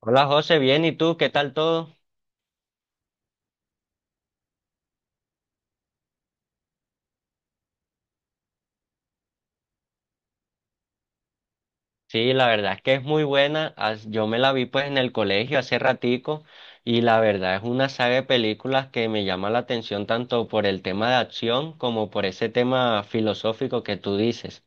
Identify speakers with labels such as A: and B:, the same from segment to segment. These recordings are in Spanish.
A: Hola José, bien, ¿y tú? ¿Qué tal todo? Sí, la verdad es que es muy buena. Yo me la vi pues en el colegio hace ratico y la verdad es una saga de películas que me llama la atención tanto por el tema de acción como por ese tema filosófico que tú dices.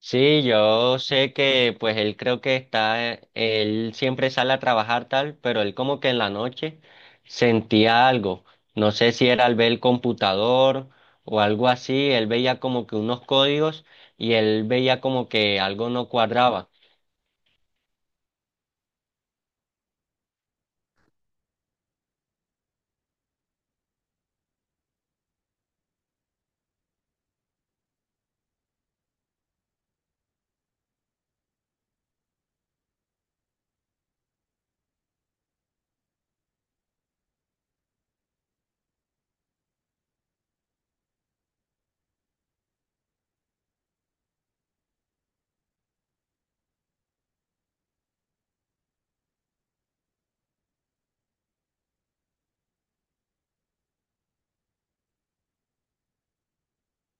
A: Sí, yo sé que pues él creo que está, él siempre sale a trabajar tal, pero él como que en la noche sentía algo. No sé si era al ver el computador o algo así, él veía como que unos códigos y él veía como que algo no cuadraba.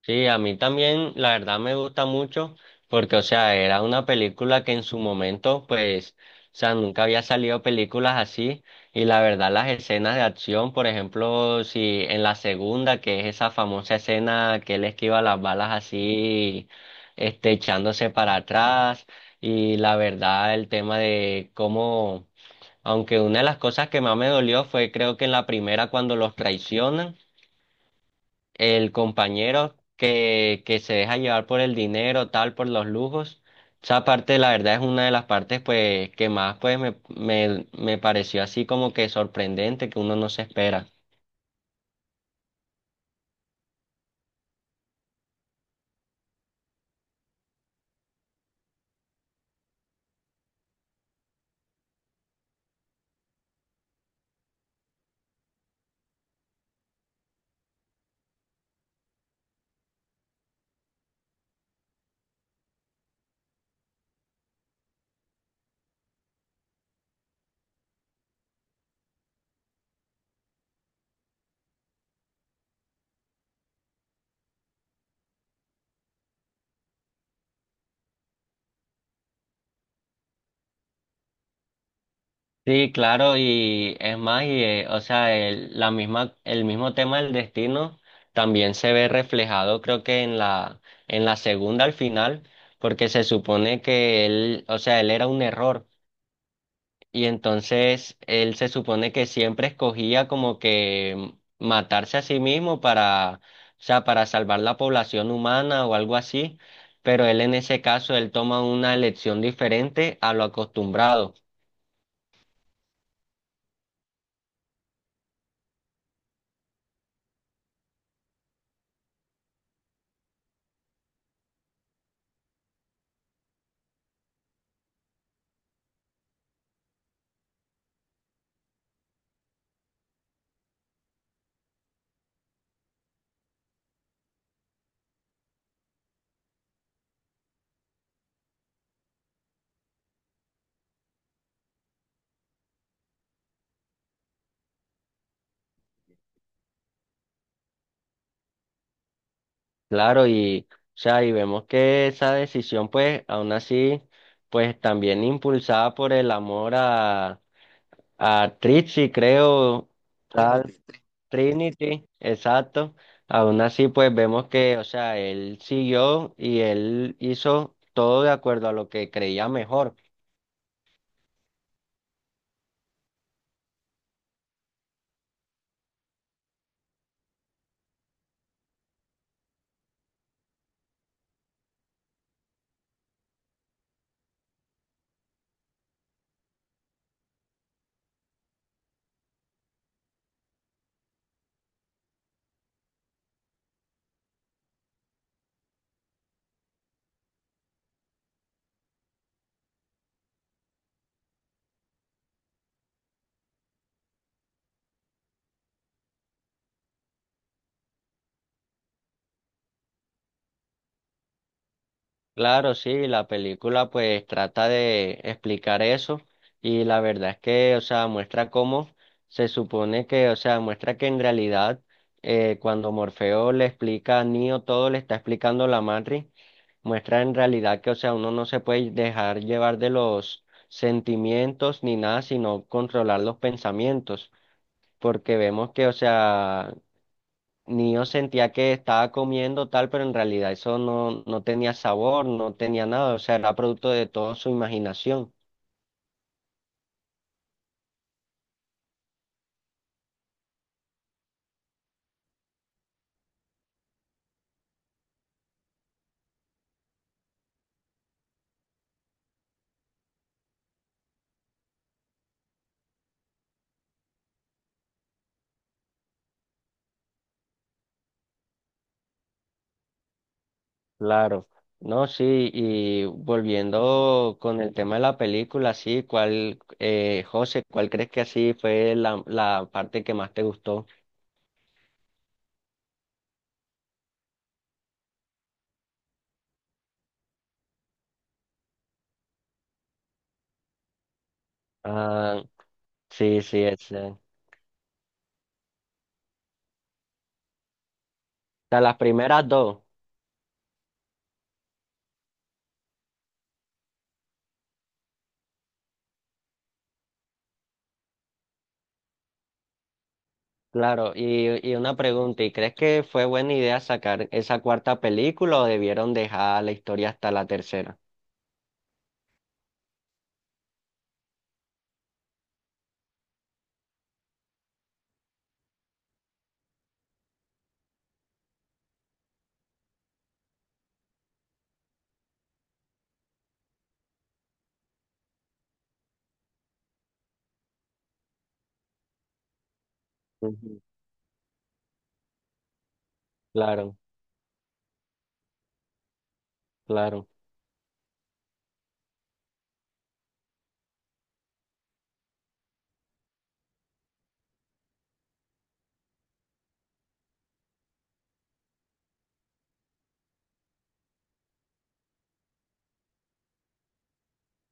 A: Sí, a mí también, la verdad me gusta mucho porque, o sea, era una película que en su momento, pues, o sea, nunca había salido películas así y la verdad las escenas de acción, por ejemplo, si en la segunda, que es esa famosa escena que él esquiva las balas así, este, echándose para atrás y la verdad el tema de cómo, aunque una de las cosas que más me dolió fue creo que en la primera cuando los traicionan el compañero que se deja llevar por el dinero, tal, por los lujos. Esa parte, la verdad, es una de las partes pues que más pues me pareció así como que sorprendente, que uno no se espera. Sí, claro, y es más, y o sea, el, la misma, el mismo tema del destino también se ve reflejado, creo que en en la segunda al final, porque se supone que él, o sea, él era un error. Y entonces él se supone que siempre escogía como que matarse a sí mismo para, o sea, para salvar la población humana o algo así, pero él en ese caso él toma una elección diferente a lo acostumbrado. Claro, y, o sea, y vemos que esa decisión pues aún así pues también impulsada por el amor a Trixie, creo, tal. Trinity, exacto. Aún así, pues vemos que, o sea, él siguió y él hizo todo de acuerdo a lo que creía mejor. Claro, sí, la película pues trata de explicar eso y la verdad es que, o sea, muestra cómo se supone que, o sea, muestra que en realidad cuando Morfeo le explica a Neo todo, le está explicando la matriz, muestra en realidad que, o sea, uno no se puede dejar llevar de los sentimientos ni nada, sino controlar los pensamientos, porque vemos que, o sea, ni yo sentía que estaba comiendo tal, pero en realidad eso no, no tenía sabor, no tenía nada, o sea, era producto de toda su imaginación. Claro, no, sí, y volviendo con el tema de la película, sí, ¿cuál, José, cuál crees que así fue la parte que más te gustó? Ah, sí, sí, ese. O sea, las primeras dos, claro, y una pregunta, ¿y crees que fue buena idea sacar esa cuarta película o debieron dejar la historia hasta la tercera? Claro, claro.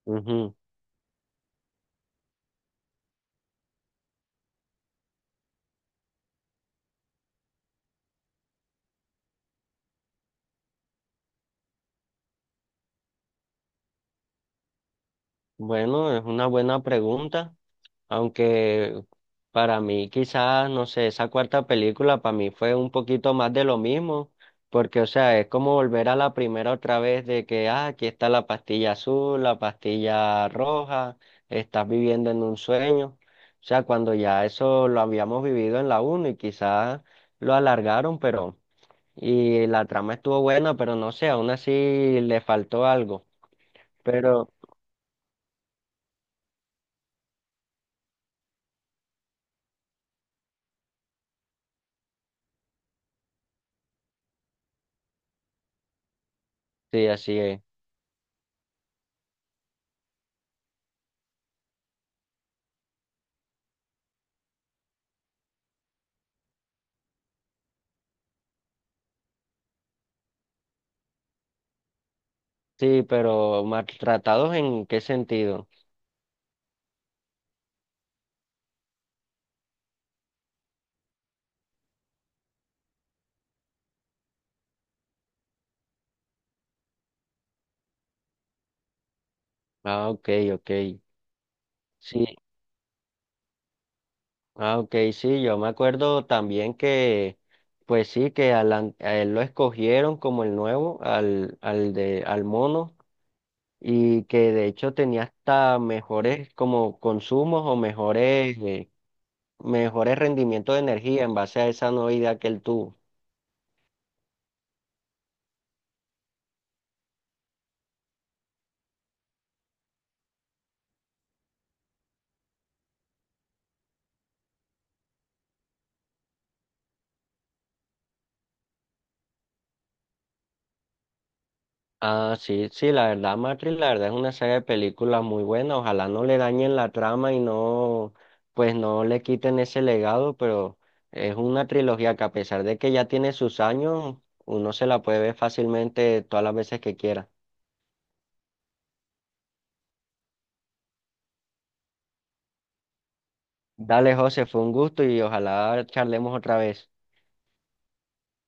A: Ujú. Bueno, es una buena pregunta, aunque para mí quizás, no sé, esa cuarta película para mí fue un poquito más de lo mismo, porque o sea, es como volver a la primera otra vez de que, ah, aquí está la pastilla azul, la pastilla roja, estás viviendo en un sueño. O sea, cuando ya eso lo habíamos vivido en la uno y quizás lo alargaron, pero, y la trama estuvo buena, pero no sé, aún así le faltó algo. Pero sí, así es. Sí, ¿pero maltratados en qué sentido? Ah, ok, ok. Sí, ah, ok, sí, yo me acuerdo también que, pues sí, que a, a él lo escogieron como el nuevo, al, al de, al mono, y que de hecho tenía hasta mejores como consumos o mejores, mejores rendimientos de energía en base a esa nueva idea que él tuvo. Ah, sí, sí, la verdad, Matrix, la verdad es una saga de películas muy buena. Ojalá no le dañen la trama y no, pues no le quiten ese legado, pero es una trilogía que a pesar de que ya tiene sus años, uno se la puede ver fácilmente todas las veces que quiera. Dale, José, fue un gusto y ojalá charlemos otra vez.